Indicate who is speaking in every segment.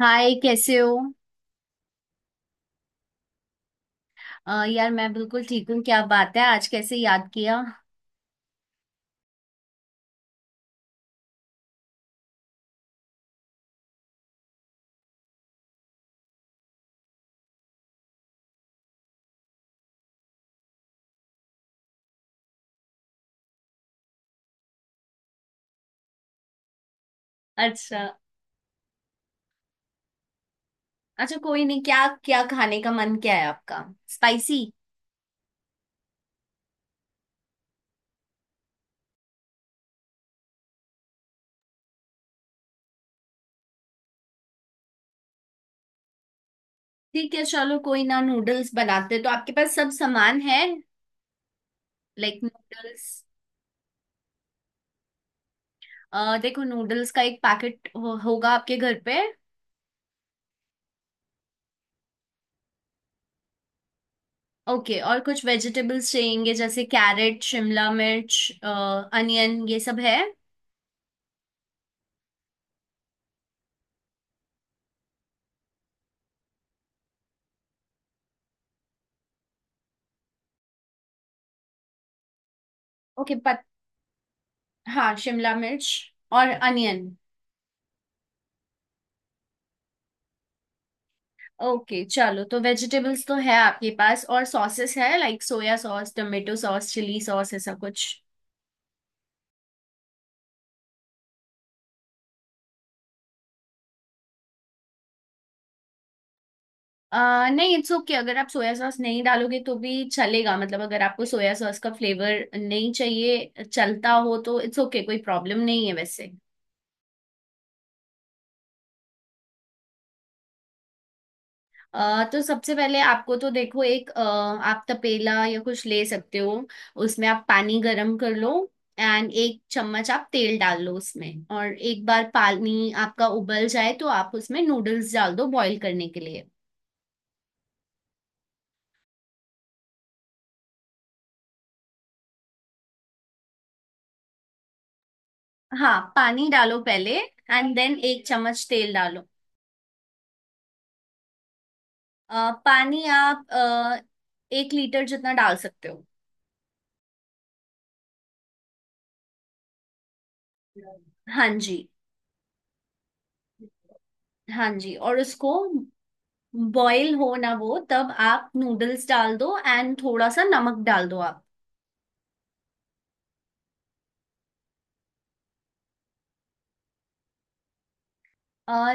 Speaker 1: हाय, कैसे हो? यार, मैं बिल्कुल ठीक हूँ। क्या बात है, आज कैसे याद किया? अच्छा। अच्छा, कोई नहीं। क्या क्या खाने का मन क्या है आपका? स्पाइसी। ठीक है, चलो कोई ना, नूडल्स बनाते हैं। तो आपके पास सब सामान है लाइक नूडल्स? देखो, नूडल्स का एक पैकेट होगा आपके घर पे। ओके। और कुछ वेजिटेबल्स चाहिए जैसे कैरेट, शिमला मिर्च, अनियन, ये सब है? ओके। पत हाँ, शिमला मिर्च और अनियन। ओके, चलो तो वेजिटेबल्स तो है आपके पास। और सॉसेस है like soya sauce, tomato sauce, chilli sauce, ऐसा कुछ? नहीं, इट्स ओके। अगर आप सोया सॉस नहीं डालोगे तो भी चलेगा। मतलब अगर आपको सोया सॉस का फ्लेवर नहीं चाहिए, चलता हो, तो इट्स ओके, कोई प्रॉब्लम नहीं है वैसे। तो सबसे पहले आपको, तो देखो, आप तपेला या कुछ ले सकते हो। उसमें आप पानी गरम कर लो। एंड एक चम्मच आप तेल डाल लो उसमें। और एक बार पानी आपका उबल जाए तो आप उसमें नूडल्स डाल दो बॉईल करने के लिए। हाँ, पानी डालो पहले एंड देन एक चम्मच तेल डालो। पानी आप एक लीटर जितना डाल सकते हो। हाँ जी। हाँ जी, और उसको बॉईल हो ना वो, तब आप नूडल्स डाल दो एंड थोड़ा सा नमक डाल दो आप।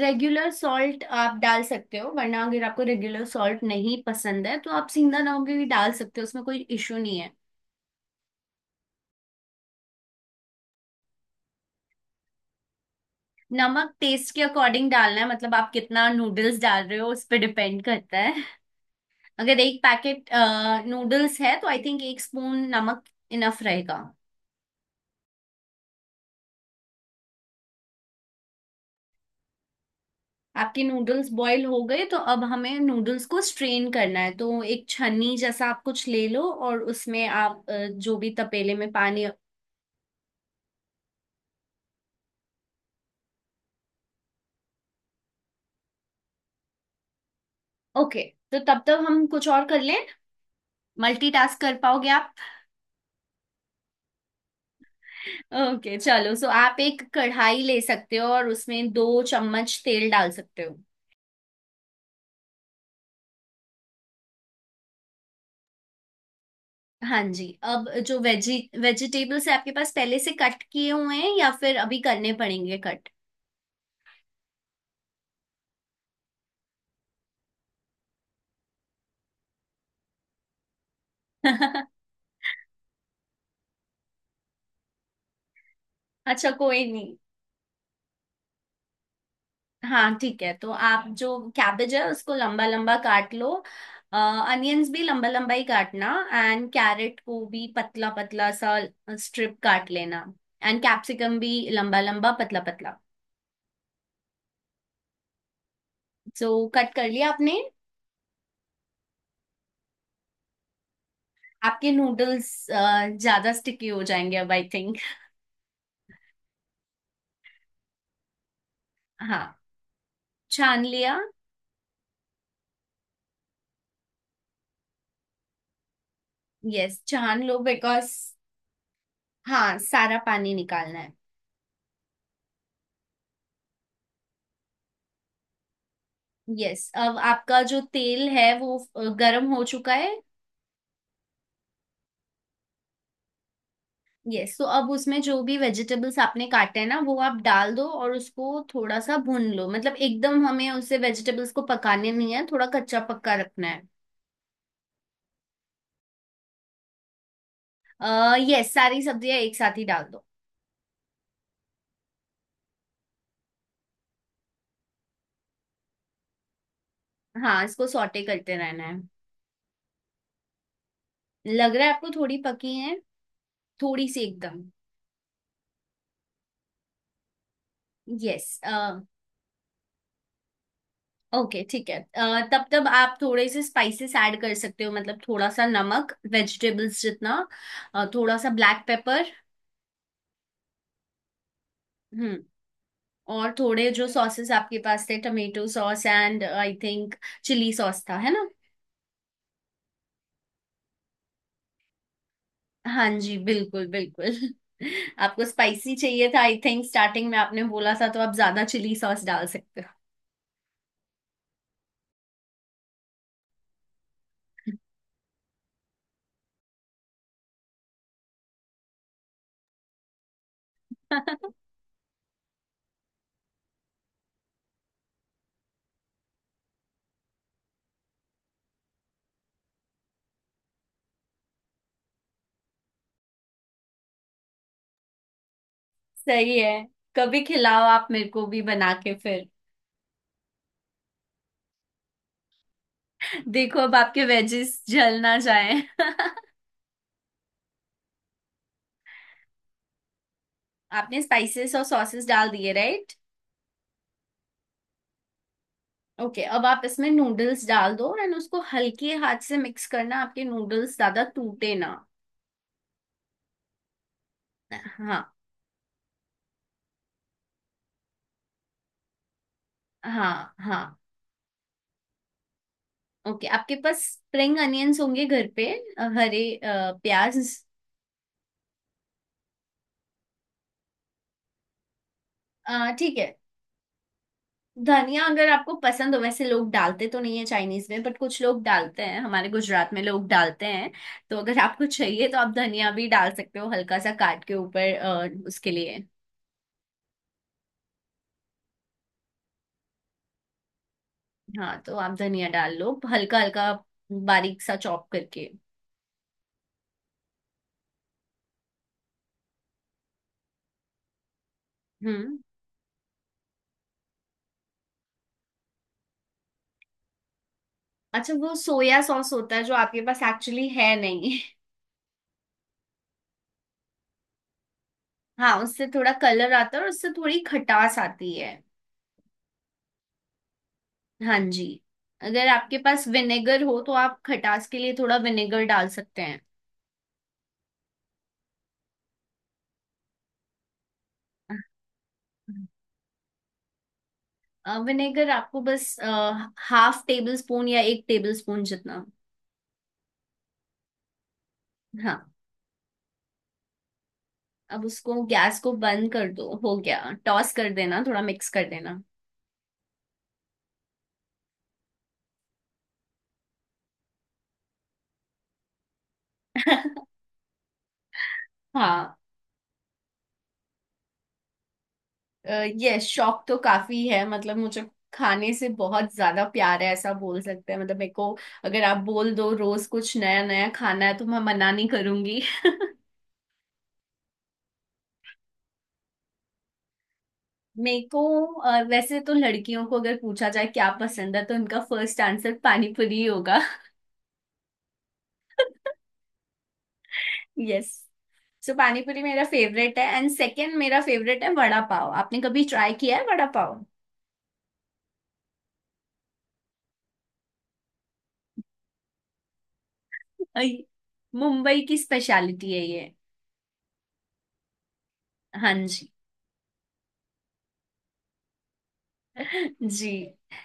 Speaker 1: रेगुलर सॉल्ट आप डाल सकते हो, वरना अगर आपको रेगुलर सॉल्ट नहीं पसंद है तो आप सीधा नमक भी डाल सकते हो। उसमें कोई इशू नहीं है। नमक टेस्ट के अकॉर्डिंग डालना है। मतलब आप कितना नूडल्स डाल रहे हो उस पर डिपेंड करता है। अगर एक पैकेट नूडल्स है तो आई थिंक एक स्पून नमक इनफ रहेगा। आपके नूडल्स बॉईल हो गए तो अब हमें नूडल्स को स्ट्रेन करना है। तो एक छन्नी जैसा आप कुछ ले लो और उसमें आप, जो भी तपेले में पानी। ओके, तो तब तक हम कुछ और कर लें। मल्टीटास्क कर पाओगे आप? ओके, चलो सो आप एक कढ़ाई ले सकते हो और उसमें दो चम्मच तेल डाल सकते हो। हाँ जी, अब जो वेजी वेजिटेबल्स है आपके पास पहले से कट किए हुए हैं या फिर अभी करने पड़ेंगे कट? अच्छा, कोई नहीं। हाँ, ठीक है, तो आप जो कैबेज है उसको लंबा लंबा काट लो। अनियंस भी लंबा लंबा ही काटना एंड कैरेट को भी पतला पतला सा स्ट्रिप काट लेना। एंड कैप्सिकम भी लंबा लंबा, पतला पतला। सो, कट कर लिया आपने? आपके नूडल्स ज्यादा स्टिकी हो जाएंगे अब आई थिंक। हाँ, छान लिया? यस, छान लो बिकॉज। हाँ, सारा पानी निकालना है। यस, अब आपका जो तेल है वो गरम हो चुका है। यस, तो अब उसमें जो भी वेजिटेबल्स आपने काटे हैं ना, वो आप डाल दो और उसको थोड़ा सा भून लो। मतलब एकदम हमें उसे वेजिटेबल्स को पकाने नहीं है, थोड़ा कच्चा पक्का रखना है। अः यस, सारी सब्जियां एक साथ ही डाल दो। हाँ, इसको सॉटे करते रहना है। लग रहा है आपको थोड़ी पकी है, थोड़ी सी एकदम। यस। ओके, ठीक है, अ, तब तब आप थोड़े से स्पाइसेस ऐड कर सकते हो। मतलब थोड़ा सा नमक वेजिटेबल्स जितना। थोड़ा सा ब्लैक पेपर। और थोड़े जो सॉसेस आपके पास थे, tomato sauce and I think chilli sauce था, है ना? हाँ जी, बिल्कुल, बिल्कुल। आपको स्पाइसी चाहिए था आई थिंक, स्टार्टिंग में आपने बोला था, तो आप ज्यादा चिली सॉस डाल सकते हो। सही है। कभी खिलाओ आप मेरे को भी बना के फिर। देखो, अब आपके वेजेस जल ना जाए। आपने स्पाइसेस और सॉसेस डाल दिए, राइट? ओके, अब आप इसमें नूडल्स डाल दो एंड उसको हल्के हाथ से मिक्स करना, आपके नूडल्स ज्यादा टूटे ना। हाँ, हाँ, हाँ। ओके, आपके पास स्प्रिंग अनियंस होंगे घर पे? हरे प्याज। ठीक है। धनिया अगर आपको पसंद हो, वैसे लोग डालते तो नहीं है चाइनीज में, बट कुछ लोग डालते हैं, हमारे गुजरात में लोग डालते हैं। तो अगर आपको चाहिए तो आप धनिया भी डाल सकते हो, हल्का सा काट के ऊपर, उसके लिए। हाँ, तो आप धनिया डाल लो हल्का हल्का, बारीक सा चॉप करके। हम्म। अच्छा, वो सोया सॉस होता है जो आपके पास एक्चुअली है नहीं। हाँ, उससे थोड़ा कलर आता है और उससे थोड़ी खटास आती है। हाँ जी। अगर आपके पास विनेगर हो तो आप खटास के लिए थोड़ा विनेगर डाल सकते हैं। विनेगर आपको बस हाफ टेबल स्पून या एक टेबल स्पून जितना। हाँ। अब उसको गैस को बंद कर दो, हो गया। टॉस कर देना, थोड़ा मिक्स कर देना। हाँ। यस, शौक तो काफी है, मतलब मुझे खाने से बहुत ज्यादा प्यार है ऐसा बोल सकते हैं, मतलब मेरे को। अगर आप बोल दो रोज कुछ नया नया खाना है तो मैं मना नहीं करूंगी। मेरे को, वैसे तो लड़कियों को अगर पूछा जाए क्या पसंद है तो उनका फर्स्ट आंसर पानी पूरी ही होगा। यस। सो, पानी पूरी मेरा फेवरेट है एंड सेकंड मेरा फेवरेट है वड़ा पाव। आपने कभी ट्राई किया है वड़ा पाव? अ, मुंबई की स्पेशलिटी है ये। हाँ जी। जी।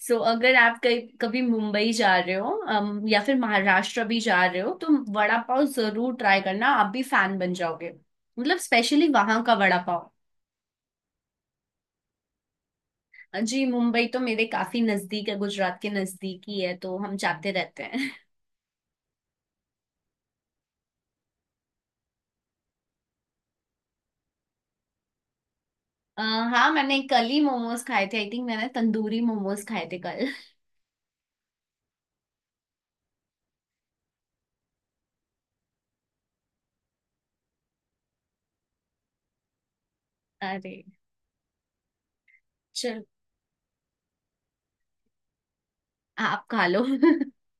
Speaker 1: सो, अगर आप कहीं कभी मुंबई जा रहे हो, या फिर महाराष्ट्र भी जा रहे हो तो वड़ा पाव जरूर ट्राई करना, आप भी फैन बन जाओगे, मतलब स्पेशली वहां का वड़ा पाव। जी, मुंबई तो मेरे काफी नजदीक है, गुजरात के नजदीक ही है तो हम जाते रहते हैं। हाँ, मैंने कल ही मोमोज खाए थे आई थिंक। मैंने तंदूरी मोमोज खाए थे कल। अरे। चल, आप खा लो।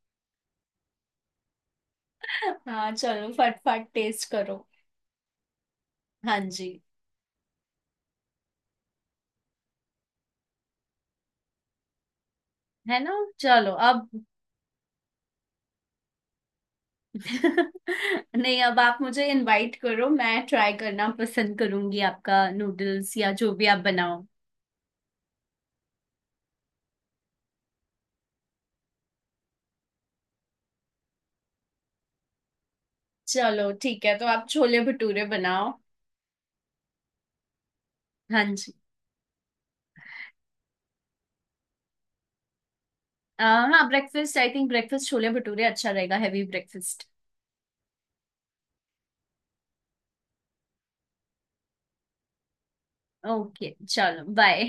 Speaker 1: हाँ, चलो फटफट टेस्ट करो। हाँ जी। है ना। चलो अब। नहीं, अब आप मुझे इनवाइट करो, मैं ट्राई करना पसंद करूंगी आपका नूडल्स या जो भी आप बनाओ। चलो, ठीक है, तो आप छोले भटूरे बनाओ। हाँ जी। हाँ, breakfast I think, breakfast chole bhature अच्छा रहेगा, हैवी ब्रेकफास्ट। ओके, चलो बाय।